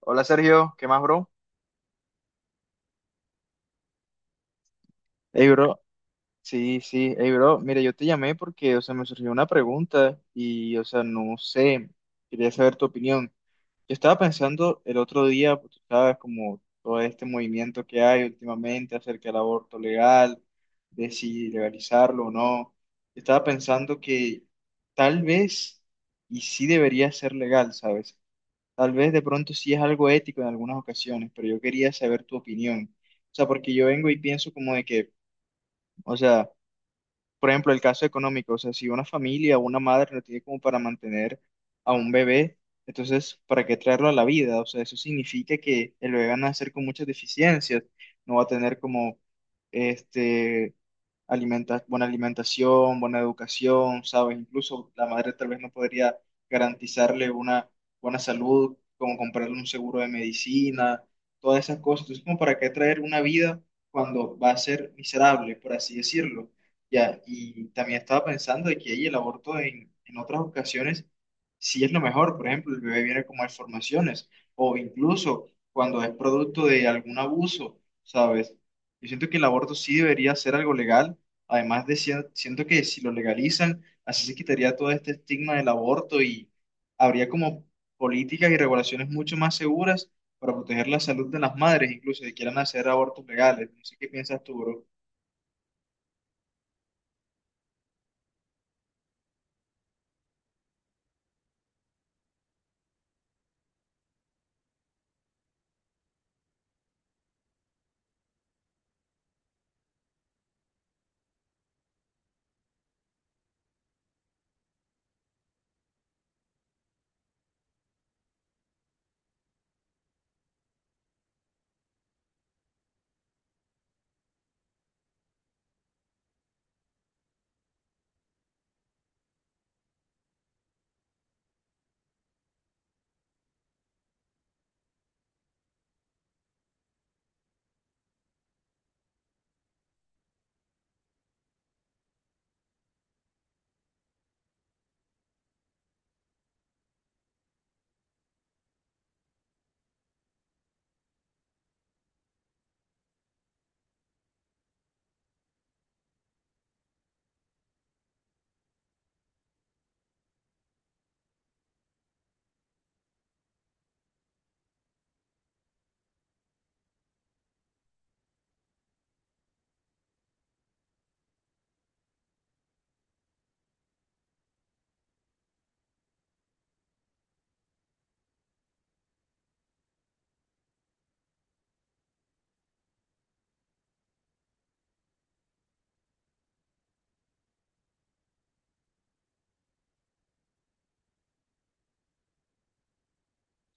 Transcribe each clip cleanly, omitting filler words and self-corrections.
Hola Sergio, ¿qué más, bro? Hey, bro, sí, sí, hey, bro, mira, yo te llamé porque, o sea, me surgió una pregunta y, o sea, no sé, quería saber tu opinión. Yo estaba pensando el otro día, pues, tú sabes, como todo este movimiento que hay últimamente acerca del aborto legal, de si legalizarlo o no. Yo estaba pensando que tal vez y sí debería ser legal, ¿sabes? Tal vez de pronto sí es algo ético en algunas ocasiones, pero yo quería saber tu opinión. O sea, porque yo vengo y pienso como de que, o sea, por ejemplo, el caso económico, o sea, si una familia o una madre no tiene como para mantener a un bebé, entonces, ¿para qué traerlo a la vida? O sea, eso significa que el bebé va a nacer con muchas deficiencias, no va a tener como, este, buena alimentación, buena educación, ¿sabes? Incluso la madre tal vez no podría garantizarle una buena salud, como comprarle un seguro de medicina, todas esas cosas. Entonces, ¿como para qué traer una vida cuando va a ser miserable, por así decirlo? Ya, y también estaba pensando de que ahí el aborto en otras ocasiones sí es lo mejor. Por ejemplo, el bebé viene con malformaciones o incluso cuando es producto de algún abuso, ¿sabes? Yo siento que el aborto sí debería ser algo legal. Además de, siento que si lo legalizan, así se quitaría todo este estigma del aborto y habría como políticas y regulaciones mucho más seguras para proteger la salud de las madres, incluso si quieran hacer abortos legales. No sé qué piensas tú, bro.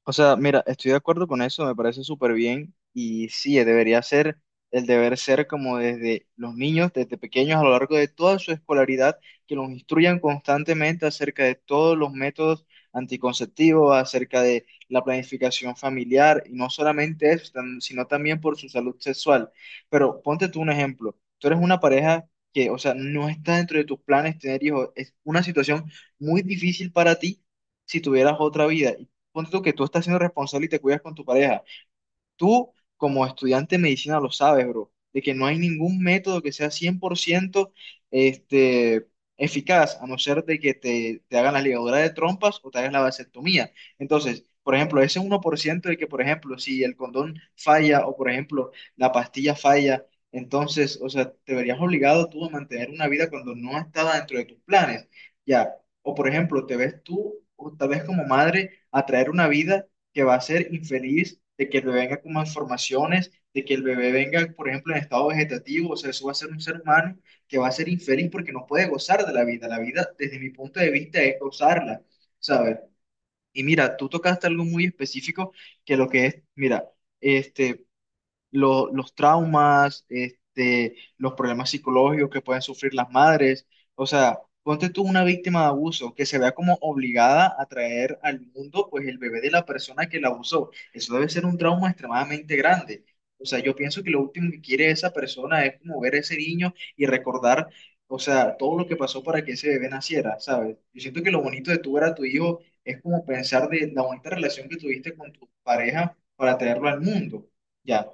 O sea, mira, estoy de acuerdo con eso, me parece súper bien y sí, debería ser el deber ser como desde los niños, desde pequeños a lo largo de toda su escolaridad, que los instruyan constantemente acerca de todos los métodos anticonceptivos, acerca de la planificación familiar y no solamente eso, sino también por su salud sexual. Pero ponte tú un ejemplo, tú eres una pareja que, o sea, no está dentro de tus planes tener hijos, es una situación muy difícil para ti si tuvieras otra vida, ponte tú que tú estás siendo responsable y te cuidas con tu pareja. Tú, como estudiante de medicina, lo sabes, bro, de que no hay ningún método que sea 100%, este, eficaz, a no ser de que te hagan la ligadura de trompas o te hagas la vasectomía. Entonces, por ejemplo, ese uno por ciento de que, por ejemplo, si el condón falla o, por ejemplo, la pastilla falla, entonces, o sea, te verías obligado tú a mantener una vida cuando no estaba dentro de tus planes. Ya, o por ejemplo, te ves tú, o tal vez como madre, a traer una vida que va a ser infeliz, de que el bebé venga con malformaciones, de que el bebé venga, por ejemplo, en estado vegetativo, o sea, eso va a ser un ser humano que va a ser infeliz porque no puede gozar de la vida. La vida, desde mi punto de vista, es gozarla, ¿sabes? Y mira, tú tocaste algo muy específico que lo que es, mira, este, los traumas, los problemas psicológicos que pueden sufrir las madres. O sea, ponte tú una víctima de abuso que se vea como obligada a traer al mundo pues el bebé de la persona que la abusó. Eso debe ser un trauma extremadamente grande. O sea, yo pienso que lo último que quiere esa persona es como ver a ese niño y recordar, o sea, todo lo que pasó para que ese bebé naciera, ¿sabes? Yo siento que lo bonito de tú ver a tu hijo es como pensar de la bonita relación que tuviste con tu pareja para traerlo al mundo. Ya.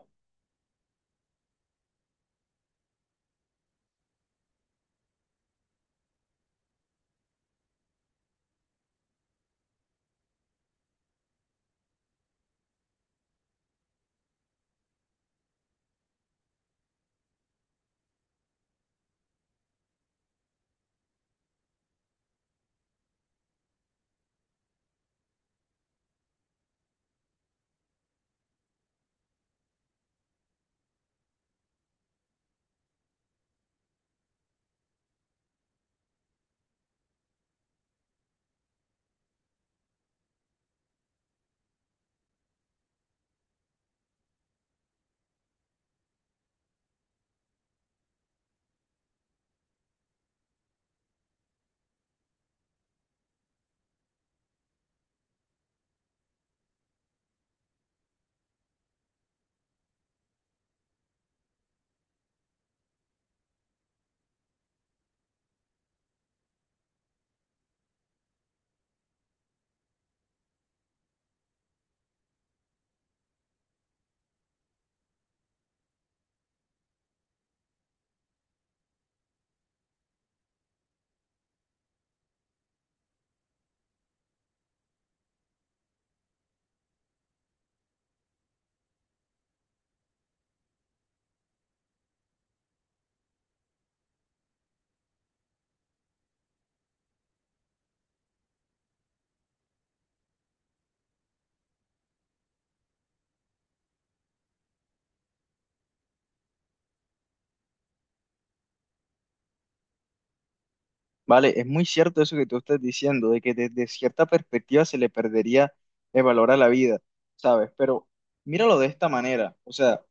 Vale, es muy cierto eso que tú estás diciendo, de que desde cierta perspectiva se le perdería el valor a la vida, ¿sabes? Pero míralo de esta manera, o sea,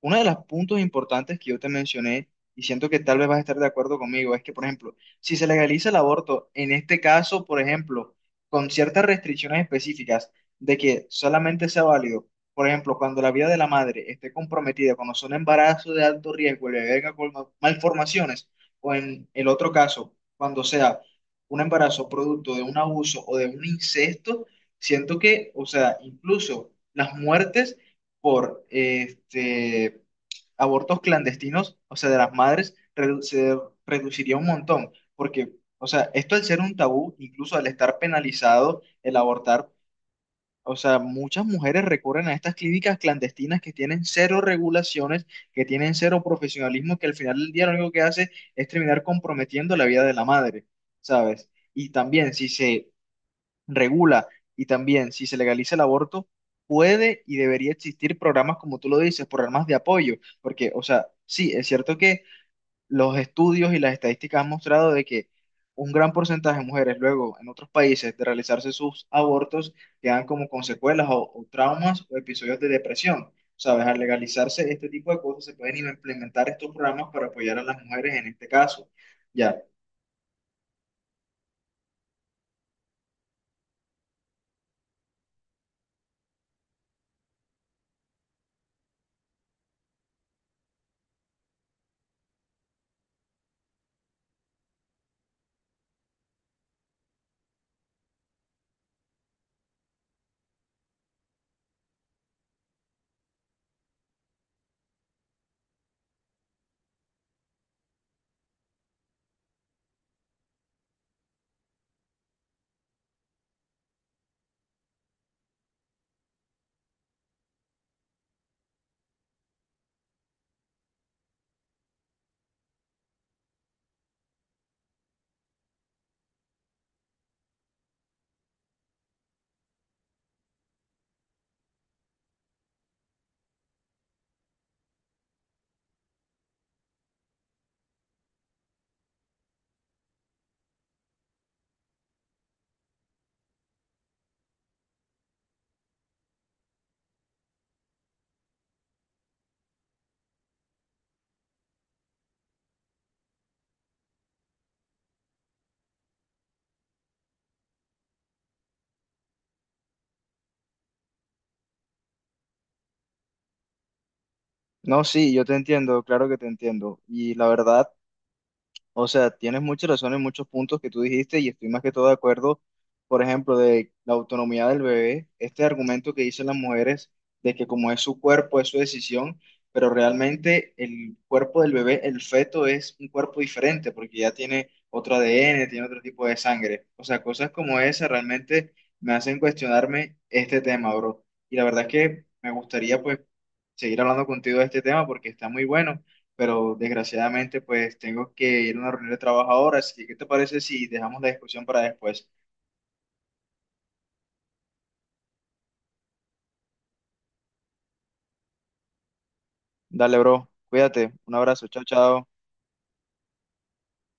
uno de los puntos importantes que yo te mencioné, y siento que tal vez vas a estar de acuerdo conmigo, es que, por ejemplo, si se legaliza el aborto, en este caso, por ejemplo, con ciertas restricciones específicas de que solamente sea válido, por ejemplo, cuando la vida de la madre esté comprometida, cuando son embarazos de alto riesgo, le venga con malformaciones, o en el otro caso cuando sea un embarazo producto de un abuso o de un incesto, siento que, o sea, incluso las muertes por abortos clandestinos, o sea, de las madres, se reduciría un montón, porque, o sea, esto al ser un tabú, incluso al estar penalizado el abortar, o sea, muchas mujeres recurren a estas clínicas clandestinas que tienen cero regulaciones, que tienen cero profesionalismo, que al final del día lo único que hace es terminar comprometiendo la vida de la madre, ¿sabes? Y también si se regula y también si se legaliza el aborto, puede y debería existir programas, como tú lo dices, programas de apoyo, porque, o sea, sí, es cierto que los estudios y las estadísticas han mostrado de que un gran porcentaje de mujeres luego en otros países de realizarse sus abortos quedan como con secuelas o traumas o episodios de depresión. Sabes, al legalizarse este tipo de cosas se pueden implementar estos programas para apoyar a las mujeres en este caso. Ya. No, sí, yo te entiendo, claro que te entiendo. Y la verdad, o sea, tienes mucha razón en muchos puntos que tú dijiste y estoy más que todo de acuerdo, por ejemplo, de la autonomía del bebé, este argumento que dicen las mujeres de que como es su cuerpo, es su decisión, pero realmente el cuerpo del bebé, el feto, es un cuerpo diferente porque ya tiene otro ADN, tiene otro tipo de sangre. O sea, cosas como esa realmente me hacen cuestionarme este tema, bro. Y la verdad es que me gustaría pues seguir hablando contigo de este tema porque está muy bueno, pero desgraciadamente pues tengo que ir a una reunión de trabajo ahora, así que ¿qué te parece si dejamos la discusión para después? Dale, bro, cuídate, un abrazo, chao, chao.